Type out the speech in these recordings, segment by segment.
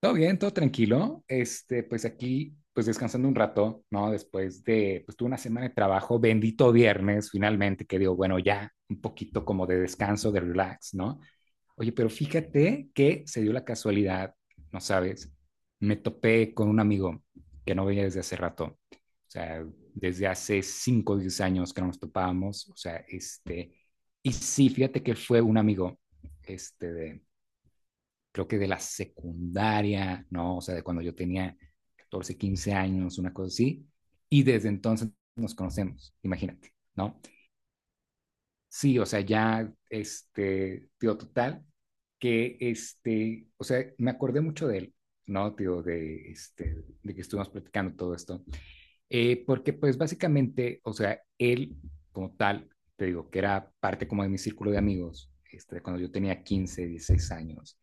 Todo bien, todo tranquilo. Pues aquí, pues descansando un rato, ¿no? Después de, pues tuve una semana de trabajo, bendito viernes, finalmente, que digo, bueno, ya un poquito como de descanso, de relax, ¿no? Oye, pero fíjate que se dio la casualidad, no sabes, me topé con un amigo que no veía desde hace rato, o sea, desde hace 5, o 10 años que no nos topábamos, o sea, y sí, fíjate que fue un amigo, este, de, creo que de la secundaria, ¿no? O sea, de cuando yo tenía 14, 15 años, una cosa así. Y desde entonces nos conocemos, imagínate, ¿no? Sí, o sea, ya, tío, total, que, o sea, me acordé mucho de él, ¿no? Tío, de que estuvimos platicando todo esto. Porque, pues, básicamente, o sea, él como tal, te digo, que era parte como de mi círculo de amigos, cuando yo tenía 15, 16 años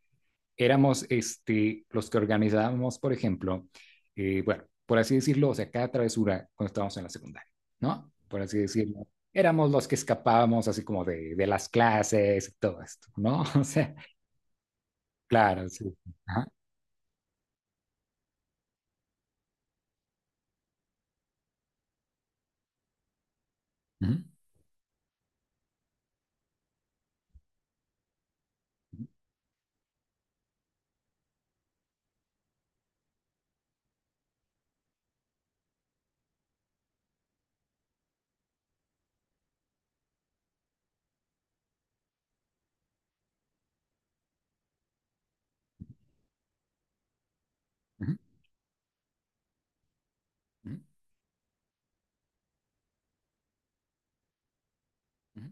éramos los que organizábamos, por ejemplo, bueno, por así decirlo, o sea, cada travesura cuando estábamos en la secundaria, ¿no? Por así decirlo. Éramos los que escapábamos así como de las clases y todo esto, ¿no? O sea, claro, sí. Ajá. Ujú, ujú, ujú, ujú.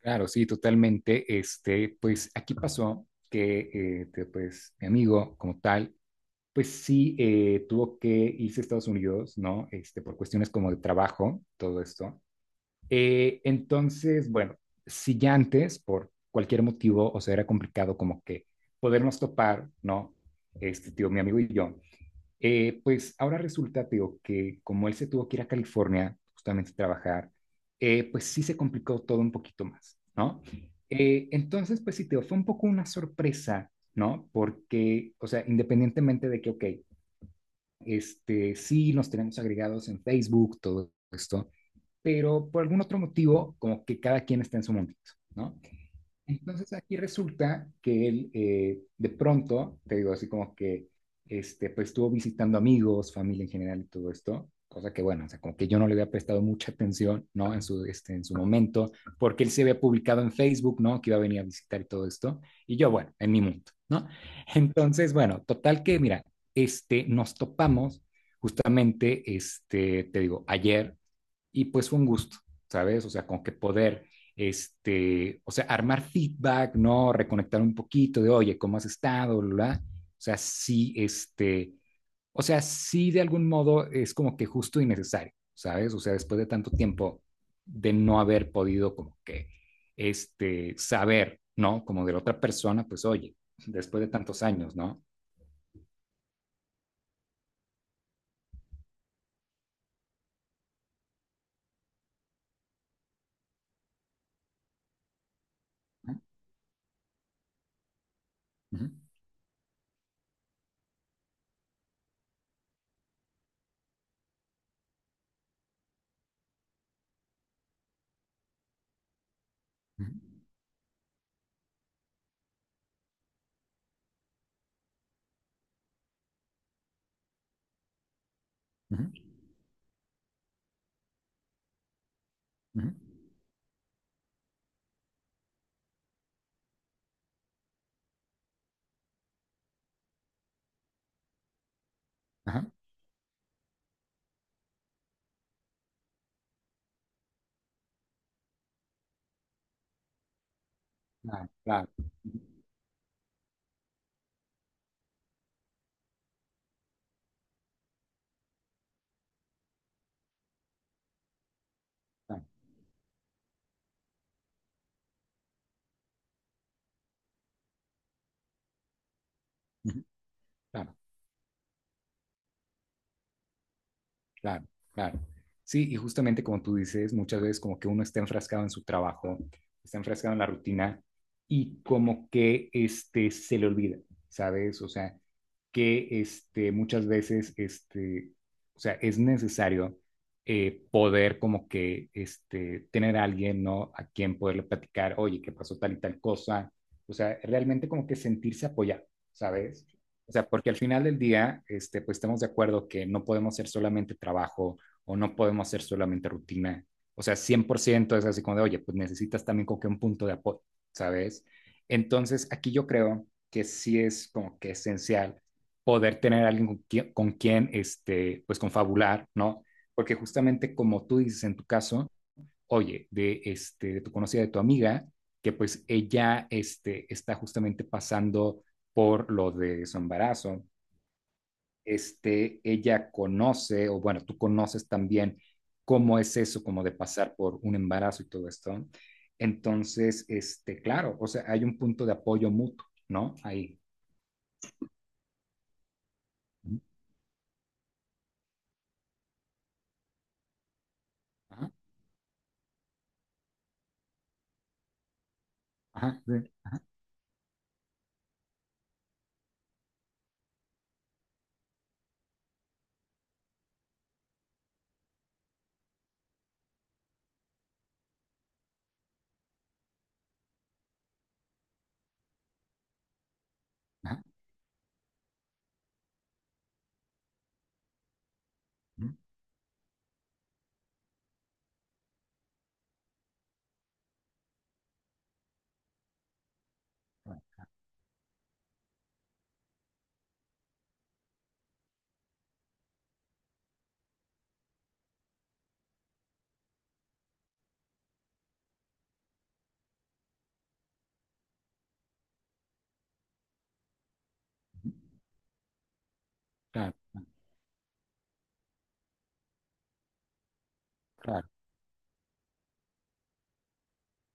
Claro, sí, totalmente. Pues aquí pasó que, pues, mi amigo como tal, pues sí, tuvo que irse a Estados Unidos, ¿no? Por cuestiones como de trabajo, todo esto. Entonces, bueno, si ya antes, por cualquier motivo, o sea, era complicado como que podernos topar, ¿no? Este tío, mi amigo y yo, pues ahora resulta, tío, que como él se tuvo que ir a California justamente a trabajar, pues sí se complicó todo un poquito más, ¿no? Entonces, pues sí, tío, fue un poco una sorpresa, ¿no? Porque, o sea, independientemente de que, ok, sí, nos tenemos agregados en Facebook, todo esto, pero por algún otro motivo, como que cada quien está en su mundito, ¿no? Entonces aquí resulta que él de pronto, te digo así como que, pues estuvo visitando amigos, familia en general y todo esto, cosa que bueno, o sea, como que yo no le había prestado mucha atención, ¿no? En su, en su momento, porque él se había publicado en Facebook, ¿no? Que iba a venir a visitar y todo esto, y yo, bueno, en mi mundo, ¿no? Entonces, bueno, total que, mira, nos topamos justamente, te digo, ayer y pues fue un gusto, ¿sabes? O sea, con que poder, o sea, armar feedback, ¿no? Reconectar un poquito de, oye, ¿cómo has estado? Bla. O sea, sí, o sea, sí de algún modo es como que justo y necesario, ¿sabes? O sea, después de tanto tiempo de no haber podido como que, saber, ¿no? Como de la otra persona, pues, oye, después de tantos años, ¿no? Ujú, ujú, ujú, ujú. Ajá, claro, claro, ujú, claro, ujú, claro. Claro, claro. Sí, y justamente como tú dices, muchas veces como que uno está enfrascado en su trabajo, está enfrascado en la rutina y como que se le olvida, ¿sabes? O sea, que muchas veces o sea, es necesario poder como que tener a alguien, ¿no? A quien poderle platicar, oye, ¿qué pasó tal y tal cosa? O sea, realmente como que sentirse apoyado, ¿sabes? O sea, porque al final del día, pues estamos de acuerdo que no podemos ser solamente trabajo o no podemos ser solamente rutina. O sea, 100% es así como de, oye, pues necesitas también como que un punto de apoyo, ¿sabes? Entonces, aquí yo creo que sí es como que esencial poder tener a alguien con quien, pues confabular, ¿no? Porque justamente como tú dices en tu caso, oye, de tu conocida, de tu amiga, que pues ella está justamente pasando por lo de su embarazo, ella conoce, o bueno, tú conoces también cómo es eso, como de pasar por un embarazo y todo esto. Entonces, claro, o sea, hay un punto de apoyo mutuo, ¿no? Ahí. Ujú. Ajá, ajá, sí, ajá, ujú, claro, claro,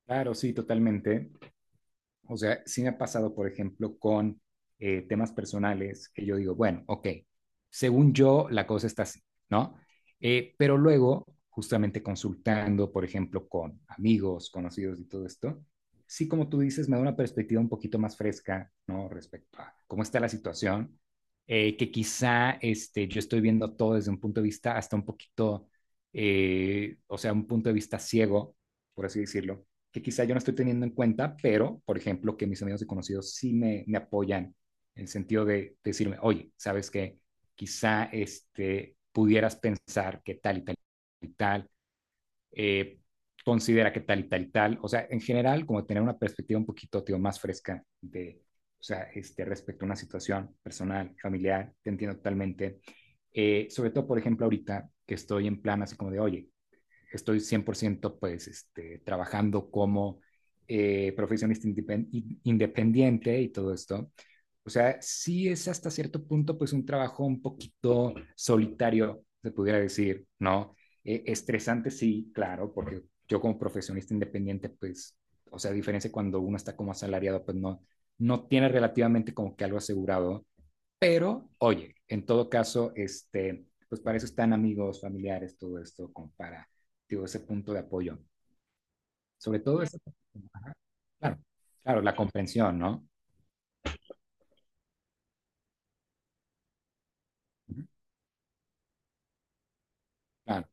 claro, sí, totalmente. O sea, sí me ha pasado, por ejemplo, con temas personales que yo digo, bueno, ok, según yo la cosa está así, ¿no? Pero luego, justamente consultando, por ejemplo, con amigos, conocidos y todo esto, sí, como tú dices, me da una perspectiva un poquito más fresca, ¿no? Respecto a cómo está la situación, que quizá yo estoy viendo todo desde un punto de vista hasta un poquito, o sea, un punto de vista ciego, por así decirlo, que quizá yo no estoy teniendo en cuenta, pero, por ejemplo, que mis amigos y conocidos sí me apoyan en el sentido de decirme, oye, ¿sabes que quizá pudieras pensar que tal y tal y tal, eh, considera que tal y tal y tal, o sea, en general, como tener una perspectiva un poquito, tío, más fresca de, o sea, respecto a una situación personal, familiar, te entiendo totalmente. Sobre todo, por ejemplo, ahorita que estoy en plan así como de, oye, estoy 100% pues trabajando como profesionista independiente y todo esto. O sea, sí es hasta cierto punto pues un trabajo un poquito solitario, se pudiera decir, ¿no? Estresante sí, claro, porque yo como profesionista independiente pues, o sea, a diferencia cuando uno está como asalariado pues no tiene relativamente como que algo asegurado, pero, oye, en todo caso, pues para eso están amigos, familiares, todo esto, como para, digo, ese punto de apoyo. Sobre todo, esa- ajá, claro, claro, la comprensión, ¿no? Ujú. Claro,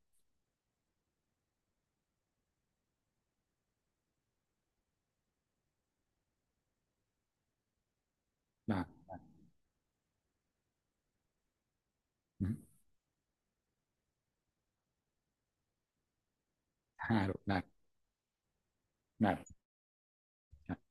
claro, ujú, claro, claro, claro, claro,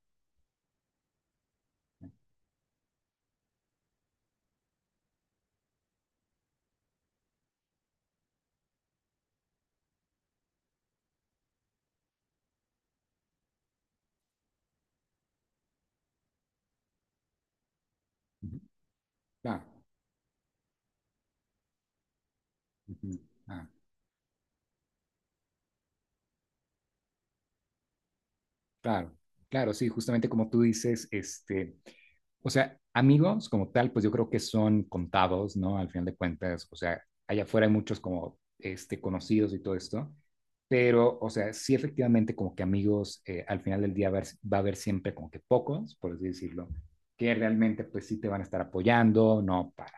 ujú, claro, ujú, claro. Claro, claro, sí, justamente como tú dices, o sea, amigos como tal, pues yo creo que son contados, ¿no? Al final de cuentas, o sea, allá afuera hay muchos como, conocidos y todo esto, pero, o sea, sí efectivamente como que amigos, al final del día haber, va a haber siempre como que pocos, por así decirlo, que realmente pues sí te van a estar apoyando, ¿no? Para,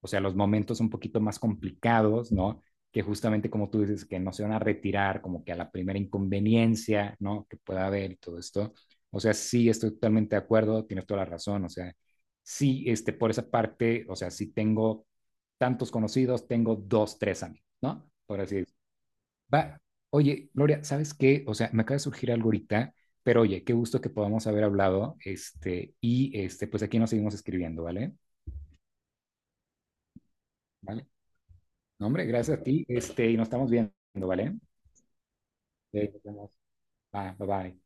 o sea, los momentos un poquito más complicados, ¿no? Que justamente como tú dices, que no se van a retirar como que a la primera inconveniencia, ¿no? Que pueda haber y todo esto. O sea, sí, estoy totalmente de acuerdo, tienes toda la razón, o sea, sí, por esa parte, o sea, sí tengo tantos conocidos, tengo dos, tres amigos, ¿no? Por así decirlo. Va, oye, Gloria, ¿sabes qué? O sea, me acaba de surgir algo ahorita, pero oye, qué gusto que podamos haber hablado, pues aquí nos seguimos escribiendo, ¿vale? ¿Vale? No, hombre, gracias a ti, y nos estamos viendo, ¿vale? Sí, nos vemos. Bye, bye, bye.